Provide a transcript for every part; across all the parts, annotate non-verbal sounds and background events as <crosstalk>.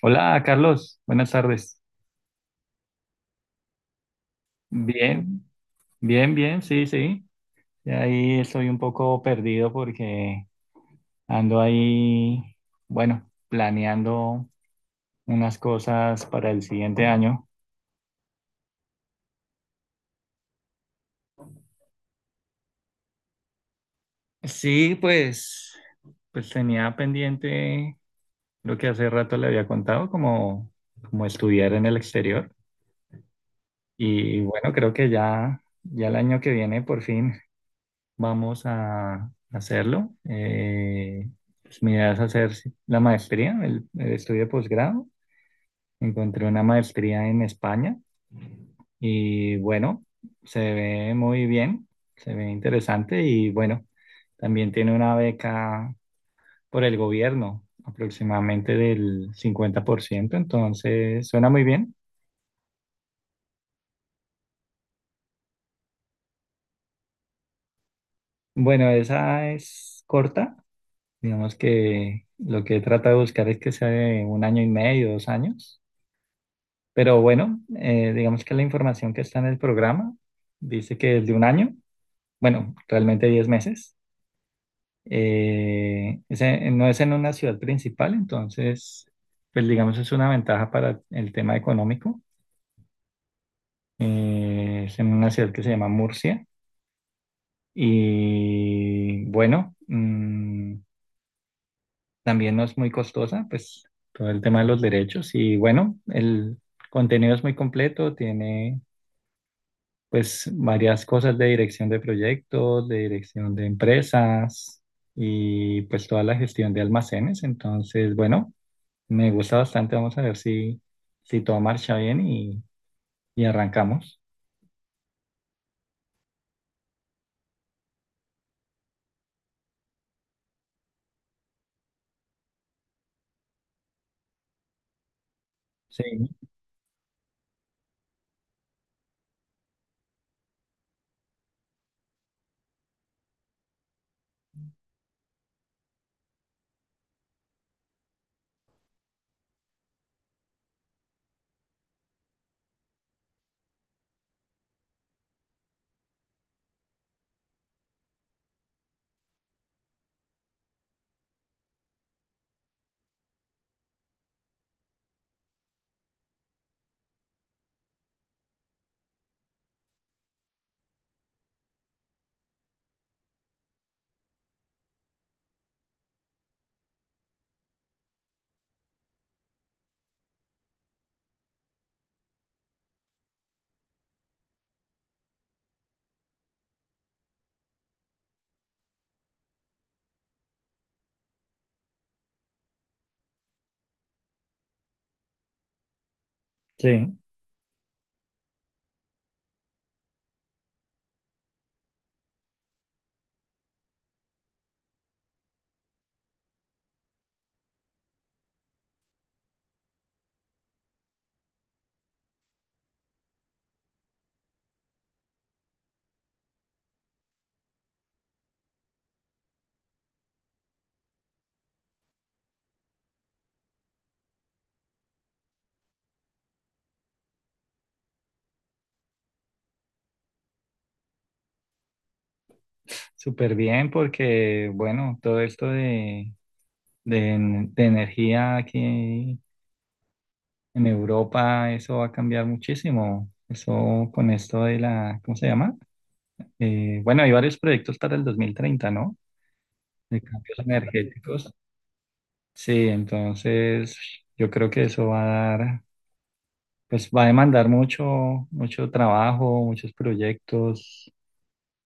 Hola, Carlos. Buenas tardes. Bien, bien, bien, sí, sí. Y ahí estoy un poco perdido porque ando ahí, bueno, planeando unas cosas para el siguiente año. Sí, pues tenía pendiente lo que hace rato le había contado, como estudiar en el exterior. Y bueno, creo que ya el año que viene por fin. Vamos a hacerlo. Pues mi idea es hacer la maestría, el estudio de posgrado. Encontré una maestría en España y bueno, se ve muy bien, se ve interesante y bueno, también tiene una beca por el gobierno, aproximadamente del 50%. Entonces suena muy bien. Bueno, esa es corta, digamos que lo que he tratado de buscar es que sea de 1 año y medio, 2 años. Pero bueno, digamos que la información que está en el programa dice que es de 1 año, bueno, realmente 10 meses. No es en una ciudad principal, entonces, pues digamos es una ventaja para el tema económico. Es en una ciudad que se llama Murcia y bueno, también no es muy costosa, pues todo el tema de los derechos y bueno, el contenido es muy completo, tiene pues varias cosas de dirección de proyectos, de dirección de empresas y pues toda la gestión de almacenes. Entonces, bueno, me gusta bastante. Vamos a ver si todo marcha bien y arrancamos. Sí, sí, súper bien porque, bueno, todo esto de energía aquí en Europa, eso va a cambiar muchísimo. Eso con esto de la, ¿cómo se llama? Bueno, hay varios proyectos para el 2030, ¿no? De cambios energéticos. Sí, entonces yo creo que eso va a dar, pues va a demandar mucho, mucho trabajo, muchos proyectos.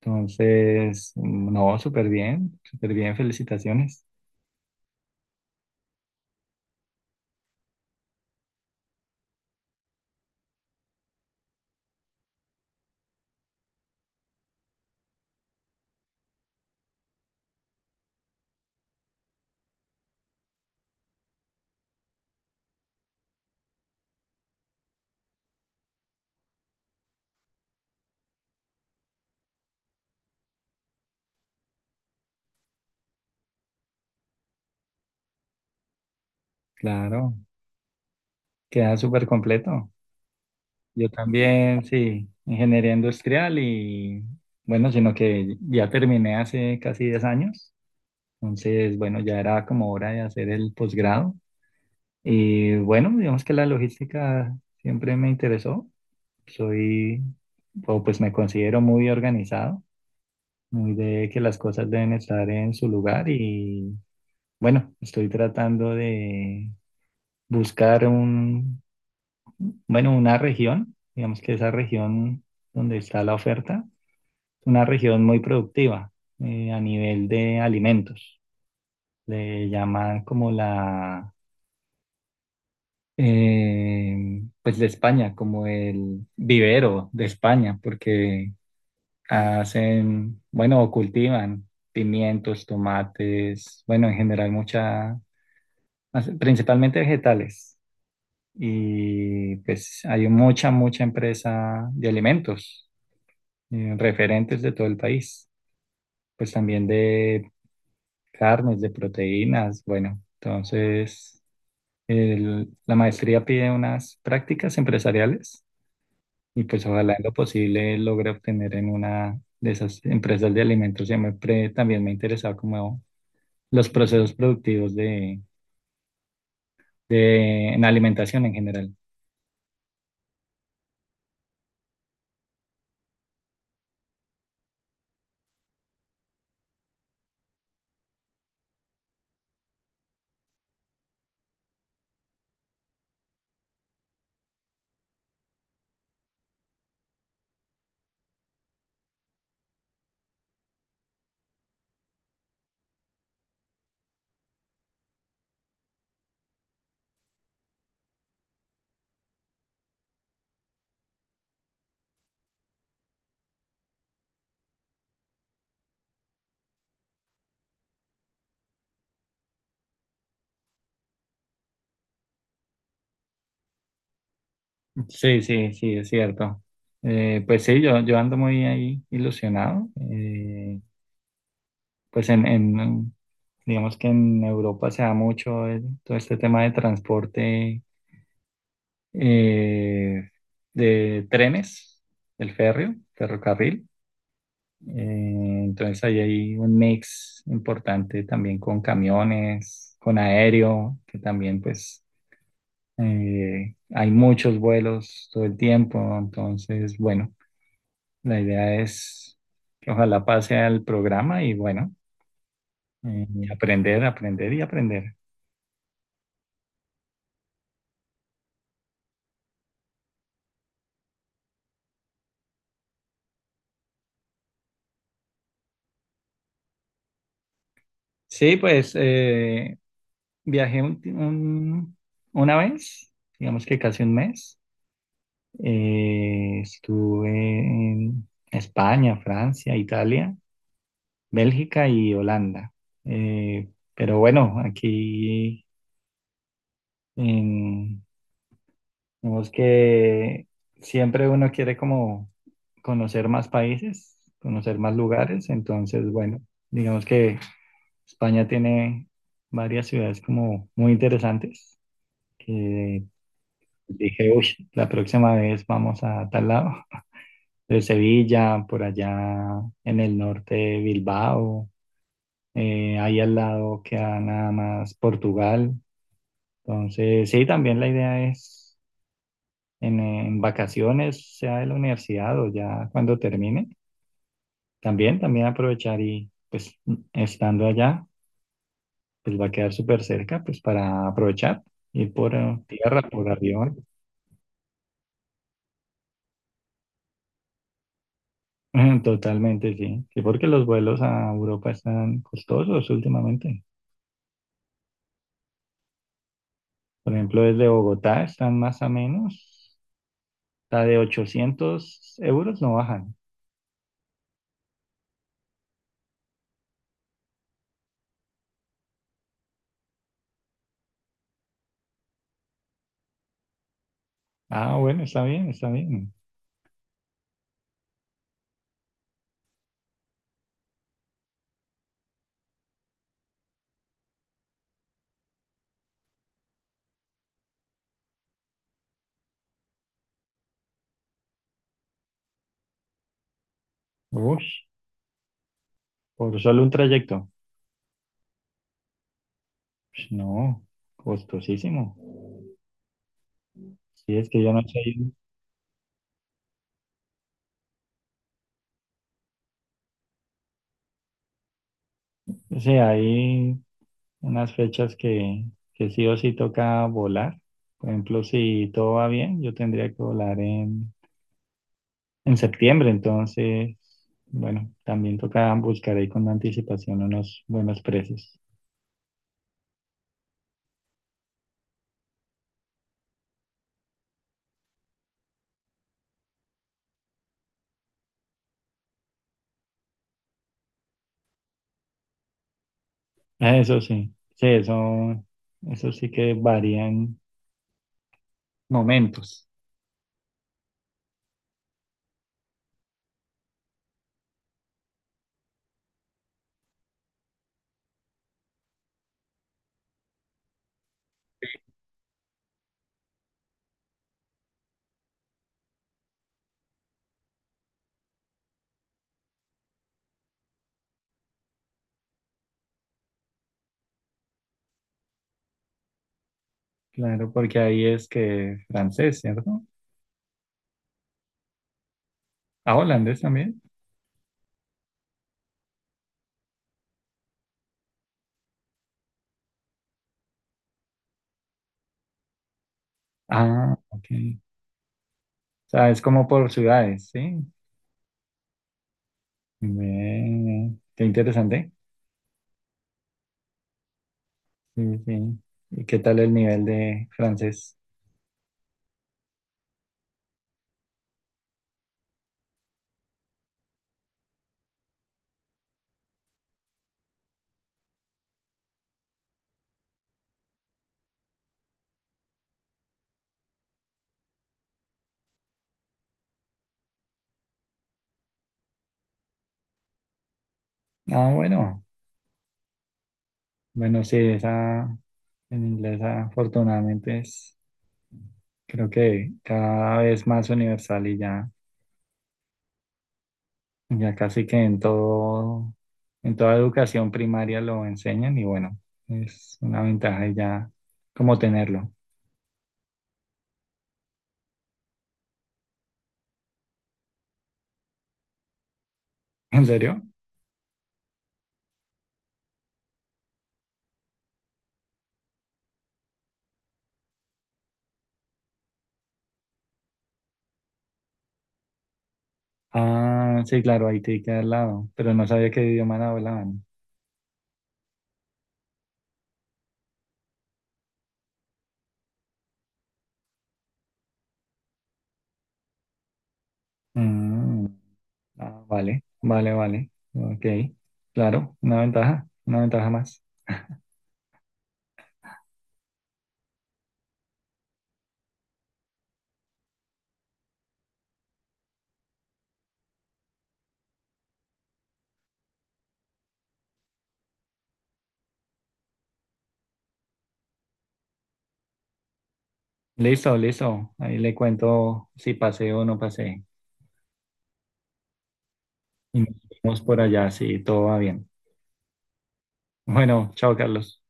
Entonces, no, súper bien, felicitaciones. Claro, queda súper completo. Yo también, sí, ingeniería industrial y bueno, sino que ya terminé hace casi 10 años. Entonces, bueno, ya era como hora de hacer el posgrado. Y bueno, digamos que la logística siempre me interesó. Soy, o pues me considero muy organizado, muy de que las cosas deben estar en su lugar y bueno, estoy tratando de buscar bueno, una región, digamos que esa región donde está la oferta, una región muy productiva a nivel de alimentos. Le llaman como la pues de España, como el vivero de España, porque hacen, bueno, o cultivan pimientos, tomates, bueno, en general mucha, principalmente vegetales. Y pues hay mucha, mucha empresa de alimentos, referentes de todo el país, pues también de carnes, de proteínas, bueno, entonces la maestría pide unas prácticas empresariales. Y pues ojalá en lo posible logre obtener en una de esas empresas de alimentos. Siempre también me interesaba como los procesos productivos de, en alimentación en general. Sí, sí, sí, es cierto. Pues sí, yo ando muy ahí ilusionado. Pues digamos que en Europa se da mucho todo este tema de transporte eh, de trenes, el férreo, ferrocarril. Entonces ahí hay un mix importante también con camiones, con aéreo, que también pues hay muchos vuelos todo el tiempo. Entonces, bueno, la idea es que ojalá pase al programa y bueno, eh, aprender, aprender y aprender. Sí, pues viajé una vez, digamos que casi 1 mes. Estuve en España, Francia, Italia, Bélgica y Holanda. Eh, pero bueno, aquí en- vemos que siempre uno quiere como conocer más países, conocer más lugares, entonces bueno, digamos que España tiene varias ciudades como muy interesantes que dije, uy, la próxima vez vamos a tal lado. De Sevilla, por allá en el norte, Bilbao, ahí al lado queda nada más Portugal. Entonces, sí, también la idea es en vacaciones, sea de la universidad o ya cuando termine, también, también aprovechar y pues estando allá, pues va a quedar súper cerca, pues para aprovechar, ir por tierra, por avión. <laughs> Totalmente, sí. Sí, porque los vuelos a Europa están costosos últimamente. Por ejemplo, desde Bogotá están más o menos, la de 800 € no bajan. Ah, bueno, está bien, está bien. Uy, por solo un trayecto. Pues no, costosísimo. Sí, es que yo no sé, o sea, hay unas fechas que sí o sí toca volar. Por ejemplo, si todo va bien, yo tendría que volar en septiembre, entonces, bueno, también toca buscar ahí con anticipación unos buenos precios. Ah, eso sí, sí, eso sí que varían momentos. Claro, porque ahí es que francés, ¿cierto? Ah, holandés también. Ah, ok. O sea, es como por ciudades, ¿sí? Ve, qué interesante. Sí, sí. ¿Y qué tal el nivel de francés? Ah, bueno. Bueno, sí, esa en inglés afortunadamente es, creo que cada vez más universal y ya, ya casi que en todo, en toda educación primaria lo enseñan y bueno, es una ventaja y ya como tenerlo. <laughs> ¿En serio? Ah, sí, claro, Haití queda al lado, pero no sabía qué idioma hablaban. Mm. Ah, vale, vale, vale. Ok, claro, una ventaja más. Listo, listo. Ahí le cuento si pasé o no pasé. Y nos vemos por allá si todo va bien. Bueno, chao, Carlos.